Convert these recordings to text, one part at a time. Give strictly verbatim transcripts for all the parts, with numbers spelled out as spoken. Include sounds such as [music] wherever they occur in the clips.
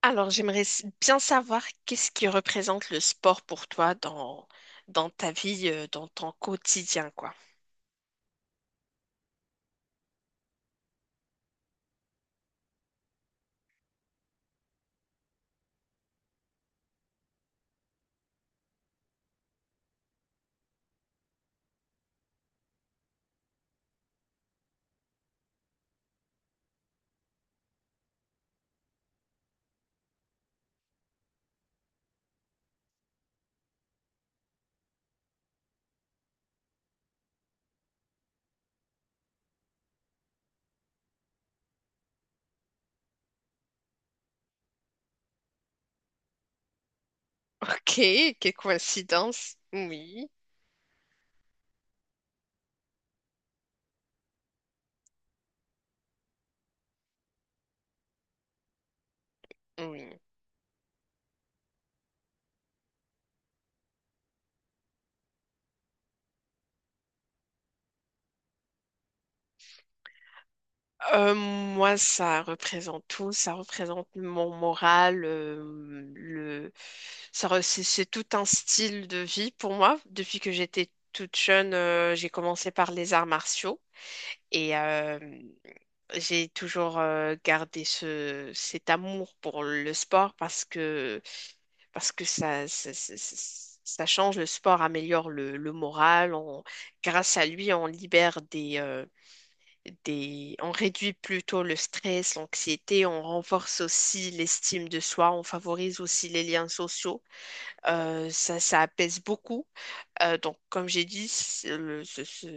Alors, j'aimerais s- bien savoir qu'est-ce qui représente le sport pour toi dans, dans ta vie, euh, dans ton quotidien, quoi. Ok, quelle coïncidence. Oui, oui. Euh, moi, ça représente tout. Ça représente mon moral. euh, le... ça re- C'est c'est tout un style de vie pour moi. Depuis que j'étais toute jeune, euh, j'ai commencé par les arts martiaux. Et euh, j'ai toujours euh, gardé ce, cet amour pour le sport parce que, parce que ça, ça, ça- ça- ça change, le sport améliore le, le moral. On- grâce à lui, on libère des, euh, des, on réduit plutôt le stress, l'anxiété, on renforce aussi l'estime de soi, on favorise aussi les liens sociaux. Euh, ça, ça apaise beaucoup. Euh, donc, comme j'ai dit, c'est le, ce- ce-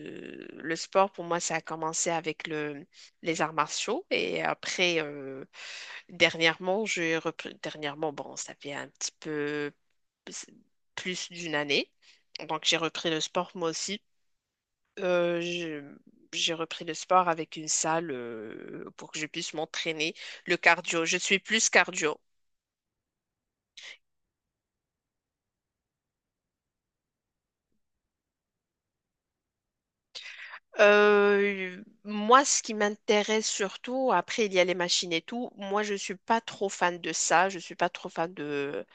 le sport pour moi, ça a commencé avec le, les arts martiaux. Et après, euh, dernièrement, j'ai repris. Dernièrement, bon, ça fait un petit peu plus d'une année. Donc, j'ai repris le sport moi aussi. Euh, je- j'ai repris le sport avec une salle euh, pour que je puisse m'entraîner. Le cardio, je suis plus cardio. Euh, moi, ce qui m'intéresse surtout, après, il y a les machines et tout. Moi, je suis pas trop fan de ça. Je suis pas trop fan de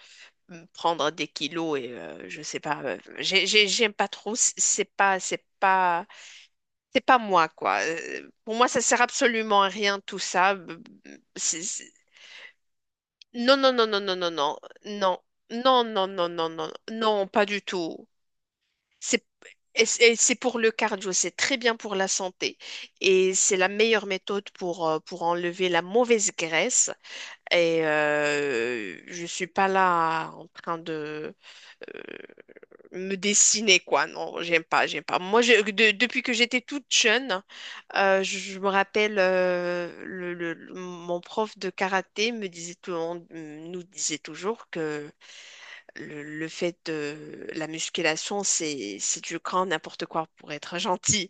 euh, prendre des kilos et euh, je sais pas. euh, j'ai- j'ai- j'aime pas trop. c- C'est pas, c'est pas, c'est pas moi, quoi. Euh, Pour moi, ça sert absolument à rien tout ça. B- b- c'est- c'est- Non, non, non, non, non, non, non, non, non, non, non, non, non, non, pas du tout. Et c- et c'est pour le cardio, c'est très bien pour la santé et c'est la meilleure méthode pour, euh, pour enlever la mauvaise graisse. Et euh, je suis pas là en train de euh, me dessiner, quoi. Non, j'aime pas, j'aime pas. Moi, je- de- depuis que j'étais toute jeune, euh, je, je me rappelle, euh, le, le- le- mon prof de karaté me disait tout- on- nous disait toujours que le, le fait de la musculation, c'est c'est du grand n'importe quoi pour être gentil.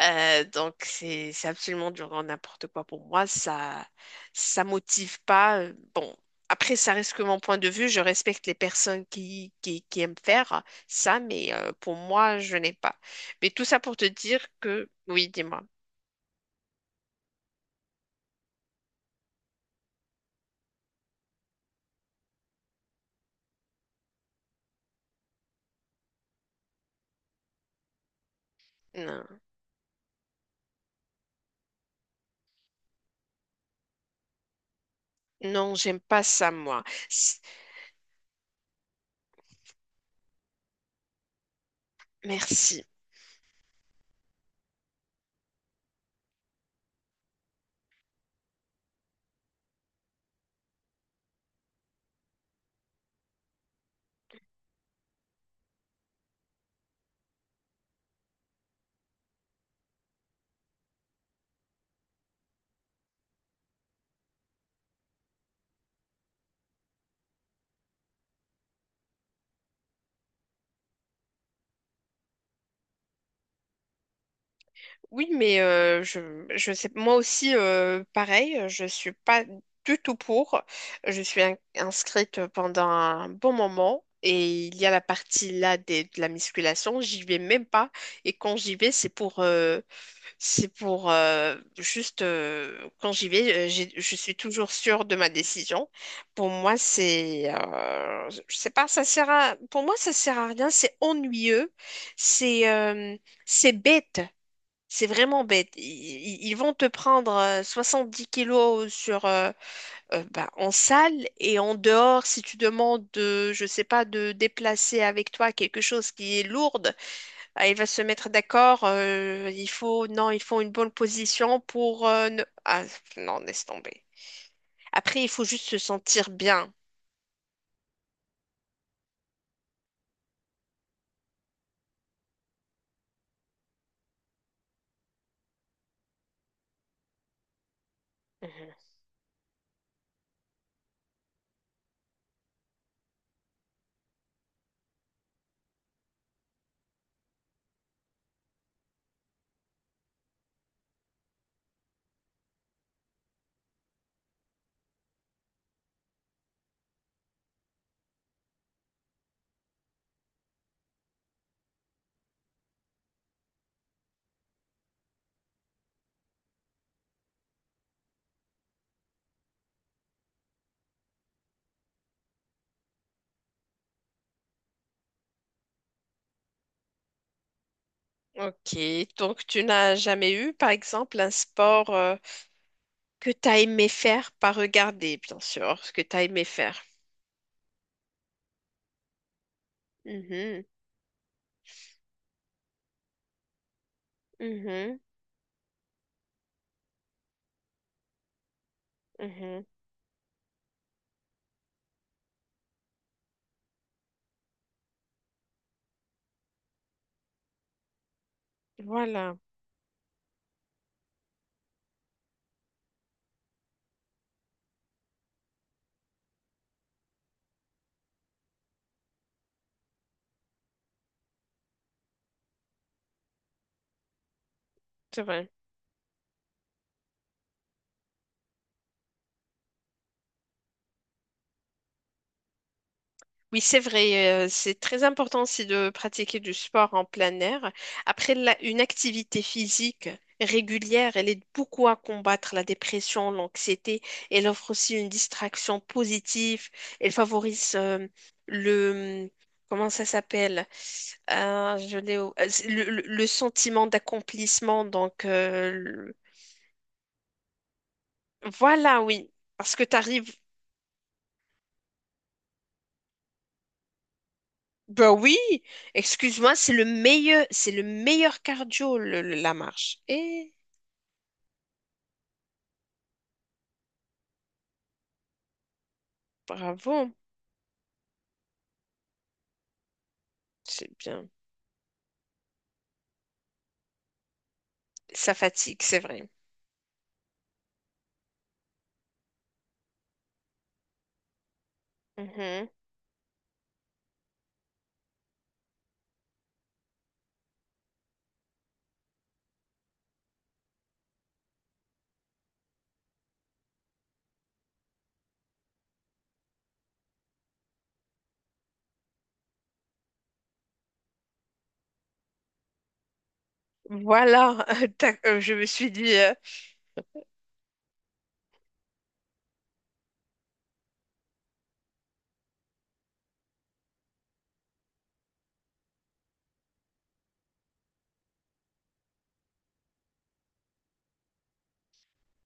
Euh, donc c'est c'est absolument du grand n'importe quoi pour moi. Ça ça motive pas. euh, Après, ça reste que mon point de vue. Je respecte les personnes qui qui, qui aiment faire ça, mais euh, pour moi, je n'ai pas. Mais tout ça pour te dire que oui, dis-moi. Non, non, j'aime pas ça moi. C- Merci. Oui, mais euh, je, je sais, moi aussi, euh, pareil, je suis pas du tout pour. Je suis in- inscrite pendant un bon moment et il y a la partie là des- de la musculation, j'y vais même pas. Et quand j'y vais, c'est pour, euh, c'est pour euh, juste, euh, quand j'y vais, euh, j'ai- je suis toujours sûre de ma décision. Pour moi, c'est, euh, je sais pas, ça sert à, pour moi, ça sert à rien, c'est ennuyeux, c'est, euh, c'est bête. C'est vraiment bête. Ils, ils- ils vont te prendre euh, 70 kilos sur, euh, euh, bah, en salle et en dehors, si tu demandes de, je sais pas, de déplacer avec toi quelque chose qui est lourde, ah, il va se mettre d'accord. euh, il faut, non, il faut une bonne position pour euh, ne- Ah, non, laisse tomber. Après, il faut juste se sentir bien. Mhm. Ok, donc tu n'as jamais eu, par exemple, un sport euh, que tu as aimé faire, pas regarder, bien sûr, ce que tu as aimé faire. Mhm. Mhm, mhm. Voilà, c'est vrai. Oui, c'est vrai, euh, c'est très important aussi de pratiquer du sport en plein air. Après, la- une activité physique régulière, elle aide beaucoup à combattre la dépression, l'anxiété. Elle offre aussi une distraction positive. Elle favorise euh, le... mmh, comment ça s'appelle? Euh, je l'ai au- euh, c'est le, le- le sentiment d'accomplissement. Donc, euh, le- voilà, oui. Parce que tu Ben oui, excuse-moi, c'est le meilleur, c'est le meilleur cardio, le- le- la marche. Eh, bravo, c'est bien. Ça fatigue, c'est vrai. Mhm. Voilà, [laughs] t'as- euh, je me suis dit, euh,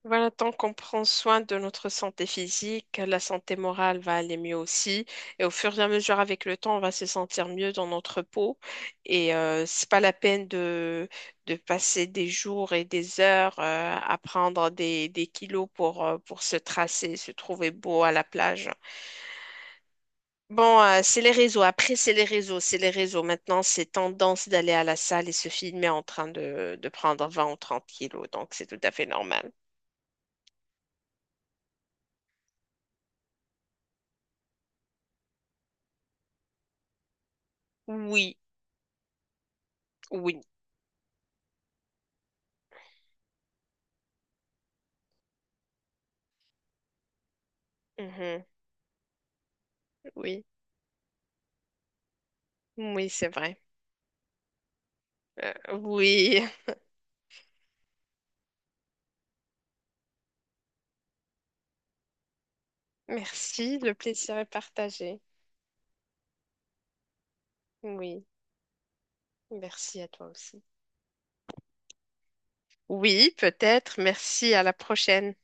Voilà, tant qu'on prend soin de notre santé physique, la santé morale va aller mieux aussi. Et au fur et à mesure, avec le temps, on va se sentir mieux dans notre peau. Et euh, c'est pas la peine de, de passer des jours et des heures euh, à prendre des, des kilos pour, euh, pour se tracer, se trouver beau à la plage. Bon, euh, c'est les réseaux. Après, c'est les réseaux. C'est les réseaux. Maintenant, c'est tendance d'aller à la salle et se filmer en train de, de prendre vingt ou trente kilos. Donc, c'est tout à fait normal. Oui, oui. Mhm. Oui, oui, c'est vrai. Euh, oui, [laughs] merci, le plaisir est partagé. Oui, merci à toi aussi. Oui, peut-être, merci, à la prochaine.